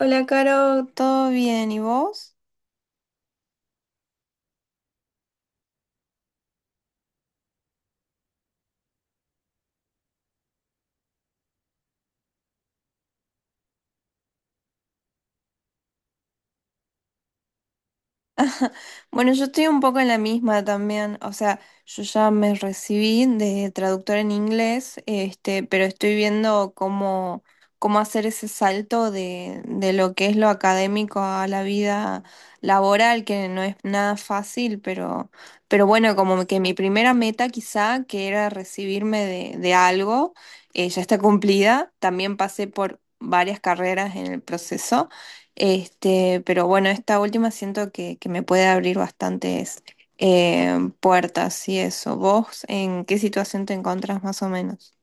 Hola, Caro, ¿todo bien? ¿Y vos? Bueno, yo estoy un poco en la misma también, o sea, yo ya me recibí de traductora en inglés, pero estoy viendo cómo hacer ese salto de lo que es lo académico a la vida laboral, que no es nada fácil, pero bueno, como que mi primera meta quizá, que era recibirme de algo, ya está cumplida, también pasé por varias carreras en el proceso. Pero bueno, esta última siento que me puede abrir bastantes puertas y eso. ¿Vos en qué situación te encontrás más o menos?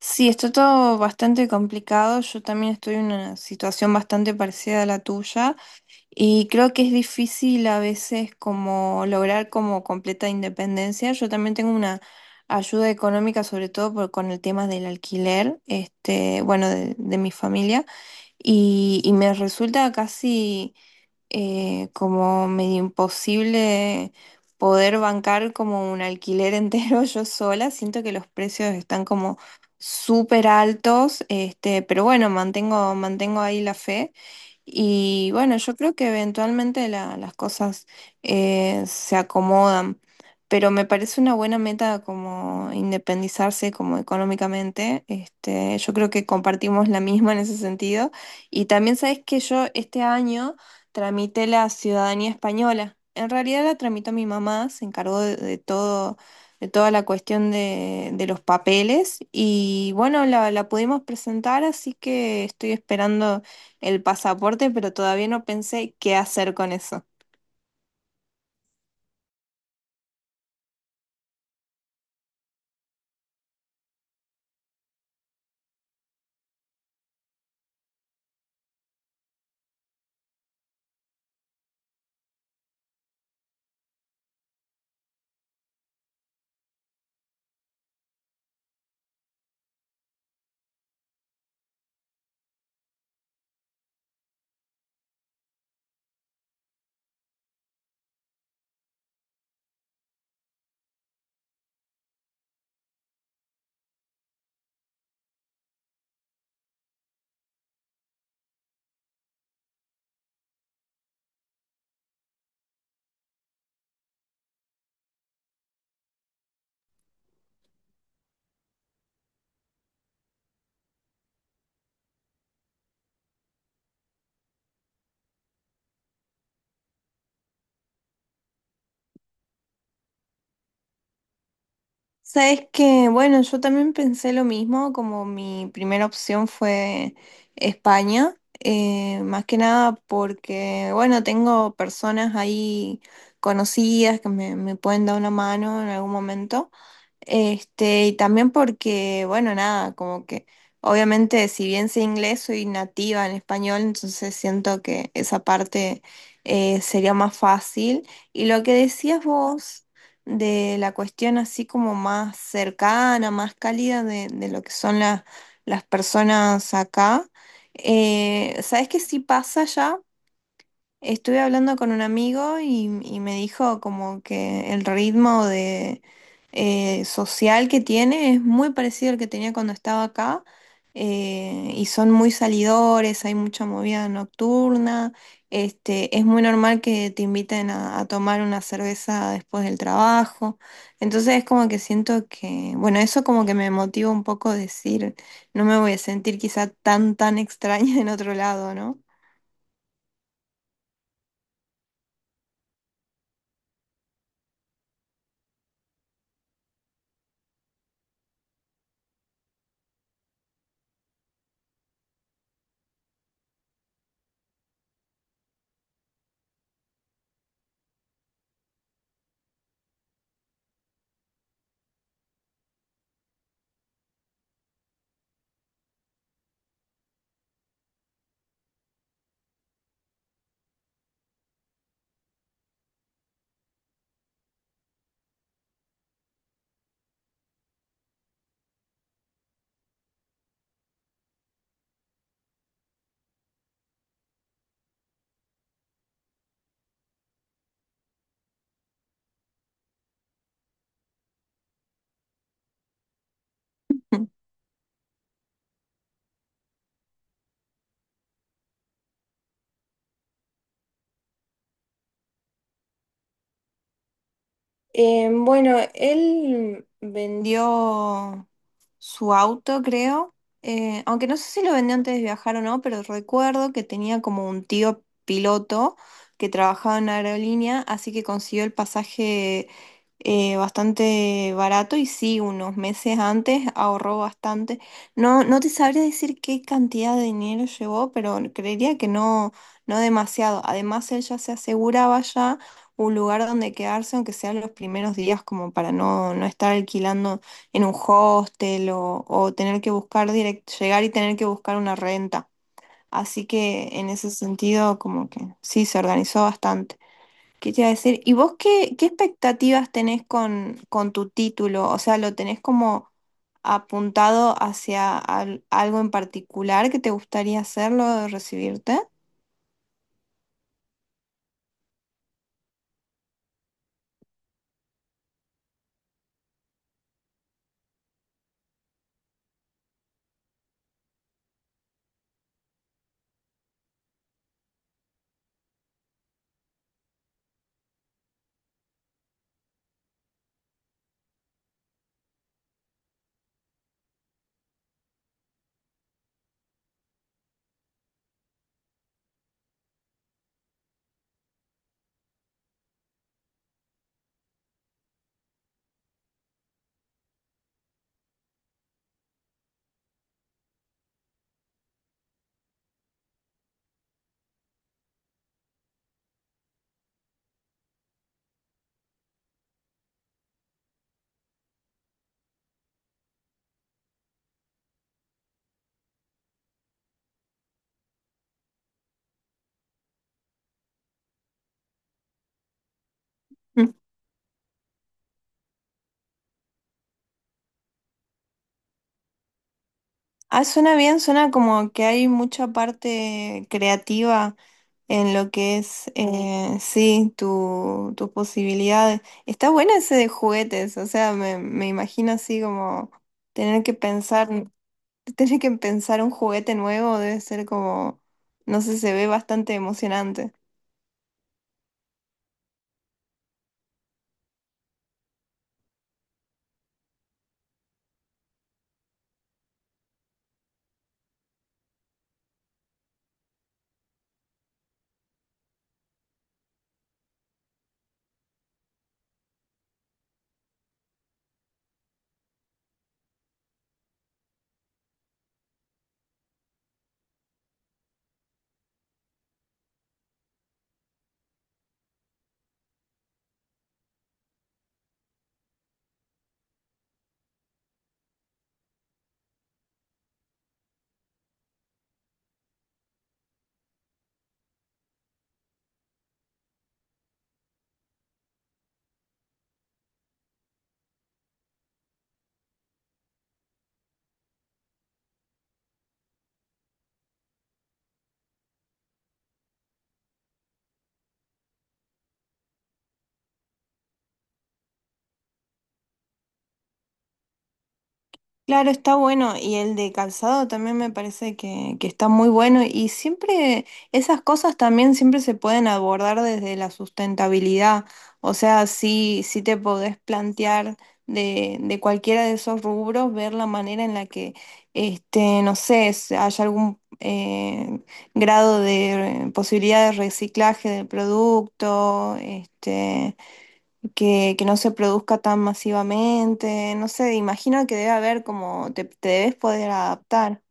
Sí, está todo bastante complicado. Yo también estoy en una situación bastante parecida a la tuya. Y creo que es difícil a veces como lograr como completa independencia. Yo también tengo una ayuda económica, sobre todo con el tema del alquiler, este, bueno, de mi familia, y me resulta casi como medio imposible poder bancar como un alquiler entero yo sola. Siento que los precios están como súper altos, este, pero bueno, mantengo ahí la fe. Y bueno, yo creo que eventualmente las cosas se acomodan, pero me parece una buena meta como independizarse como económicamente. Este, yo creo que compartimos la misma en ese sentido. Y también sabes que yo este año tramite la ciudadanía española. En realidad la tramitó mi mamá, se encargó de todo, de toda la cuestión de los papeles y bueno, la pudimos presentar, así que estoy esperando el pasaporte, pero todavía no pensé qué hacer con eso. Sabes que, bueno, yo también pensé lo mismo, como mi primera opción fue España, más que nada porque, bueno, tengo personas ahí conocidas que me pueden dar una mano en algún momento. Este, y también porque, bueno, nada, como que obviamente si bien sé inglés, soy nativa en español, entonces siento que esa parte sería más fácil. Y lo que decías vos de la cuestión así como más cercana, más cálida de lo que son las personas acá. ¿Sabes qué sí pasa ya? Estuve hablando con un amigo y me dijo como que el ritmo de social que tiene es muy parecido al que tenía cuando estaba acá y son muy salidores, hay mucha movida nocturna, este, es muy normal que te inviten a tomar una cerveza después del trabajo, entonces es como que siento que, bueno, eso como que me motiva un poco a decir, no me voy a sentir quizá tan extraña en otro lado, ¿no? Bueno, él vendió su auto, creo. Aunque no sé si lo vendió antes de viajar o no, pero recuerdo que tenía como un tío piloto que trabajaba en aerolínea, así que consiguió el pasaje bastante barato y sí, unos meses antes ahorró bastante. No te sabría decir qué cantidad de dinero llevó, pero creería que no demasiado. Además, él ya se aseguraba ya un lugar donde quedarse, aunque sean los primeros días, como para no estar alquilando en un hostel o tener que buscar llegar y tener que buscar una renta. Así que en ese sentido, como que sí, se organizó bastante. ¿Qué te iba a decir? ¿Y vos qué expectativas tenés con tu título? O sea, ¿lo tenés como apuntado hacia algo en particular que te gustaría hacerlo, recibirte? Ah, suena bien, suena como que hay mucha parte creativa en lo que es, sí, tus posibilidades. Está bueno ese de juguetes, o sea, me imagino así como tener que pensar, tener que pensar un juguete nuevo debe ser como, no sé, se ve bastante emocionante. Claro, está bueno y el de calzado también me parece que está muy bueno y siempre esas cosas también siempre se pueden abordar desde la sustentabilidad, o sea, sí, sí te podés plantear de cualquiera de esos rubros, ver la manera en la que, este, no sé, haya algún grado de posibilidad de reciclaje del producto, este que no se produzca tan masivamente, no sé, imagino que debe haber como te debes poder adaptar.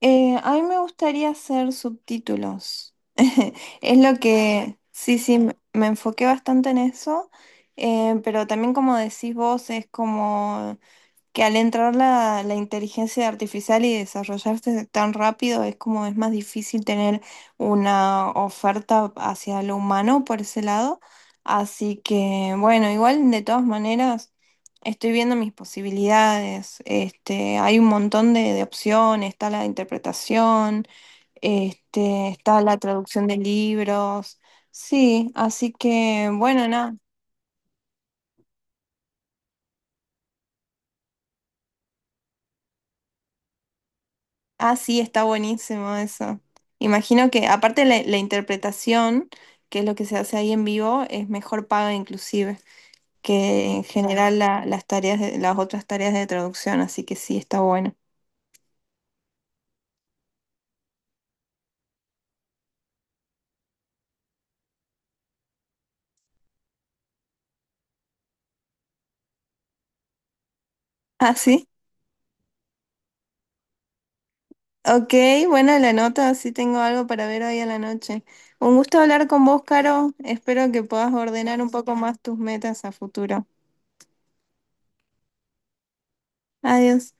A mí me gustaría hacer subtítulos. Es lo que, sí, sí, me enfoqué bastante en eso, pero también como decís vos, es como que al entrar la inteligencia artificial y desarrollarse tan rápido es como es más difícil tener una oferta hacia lo humano por ese lado. Así que bueno, igual de todas maneras estoy viendo mis posibilidades. Este, hay un montón de opciones, está la interpretación, este, está la traducción de libros. Sí, así que bueno, nada. Ah, sí, está buenísimo eso. Imagino que aparte la interpretación, que es lo que se hace ahí en vivo, es mejor paga inclusive que en general las tareas las otras tareas de traducción, así que sí, está bueno. Ah, sí. Ok, buena la nota, sí tengo algo para ver hoy a la noche. Un gusto hablar con vos, Caro. Espero que puedas ordenar un poco más tus metas a futuro. Adiós.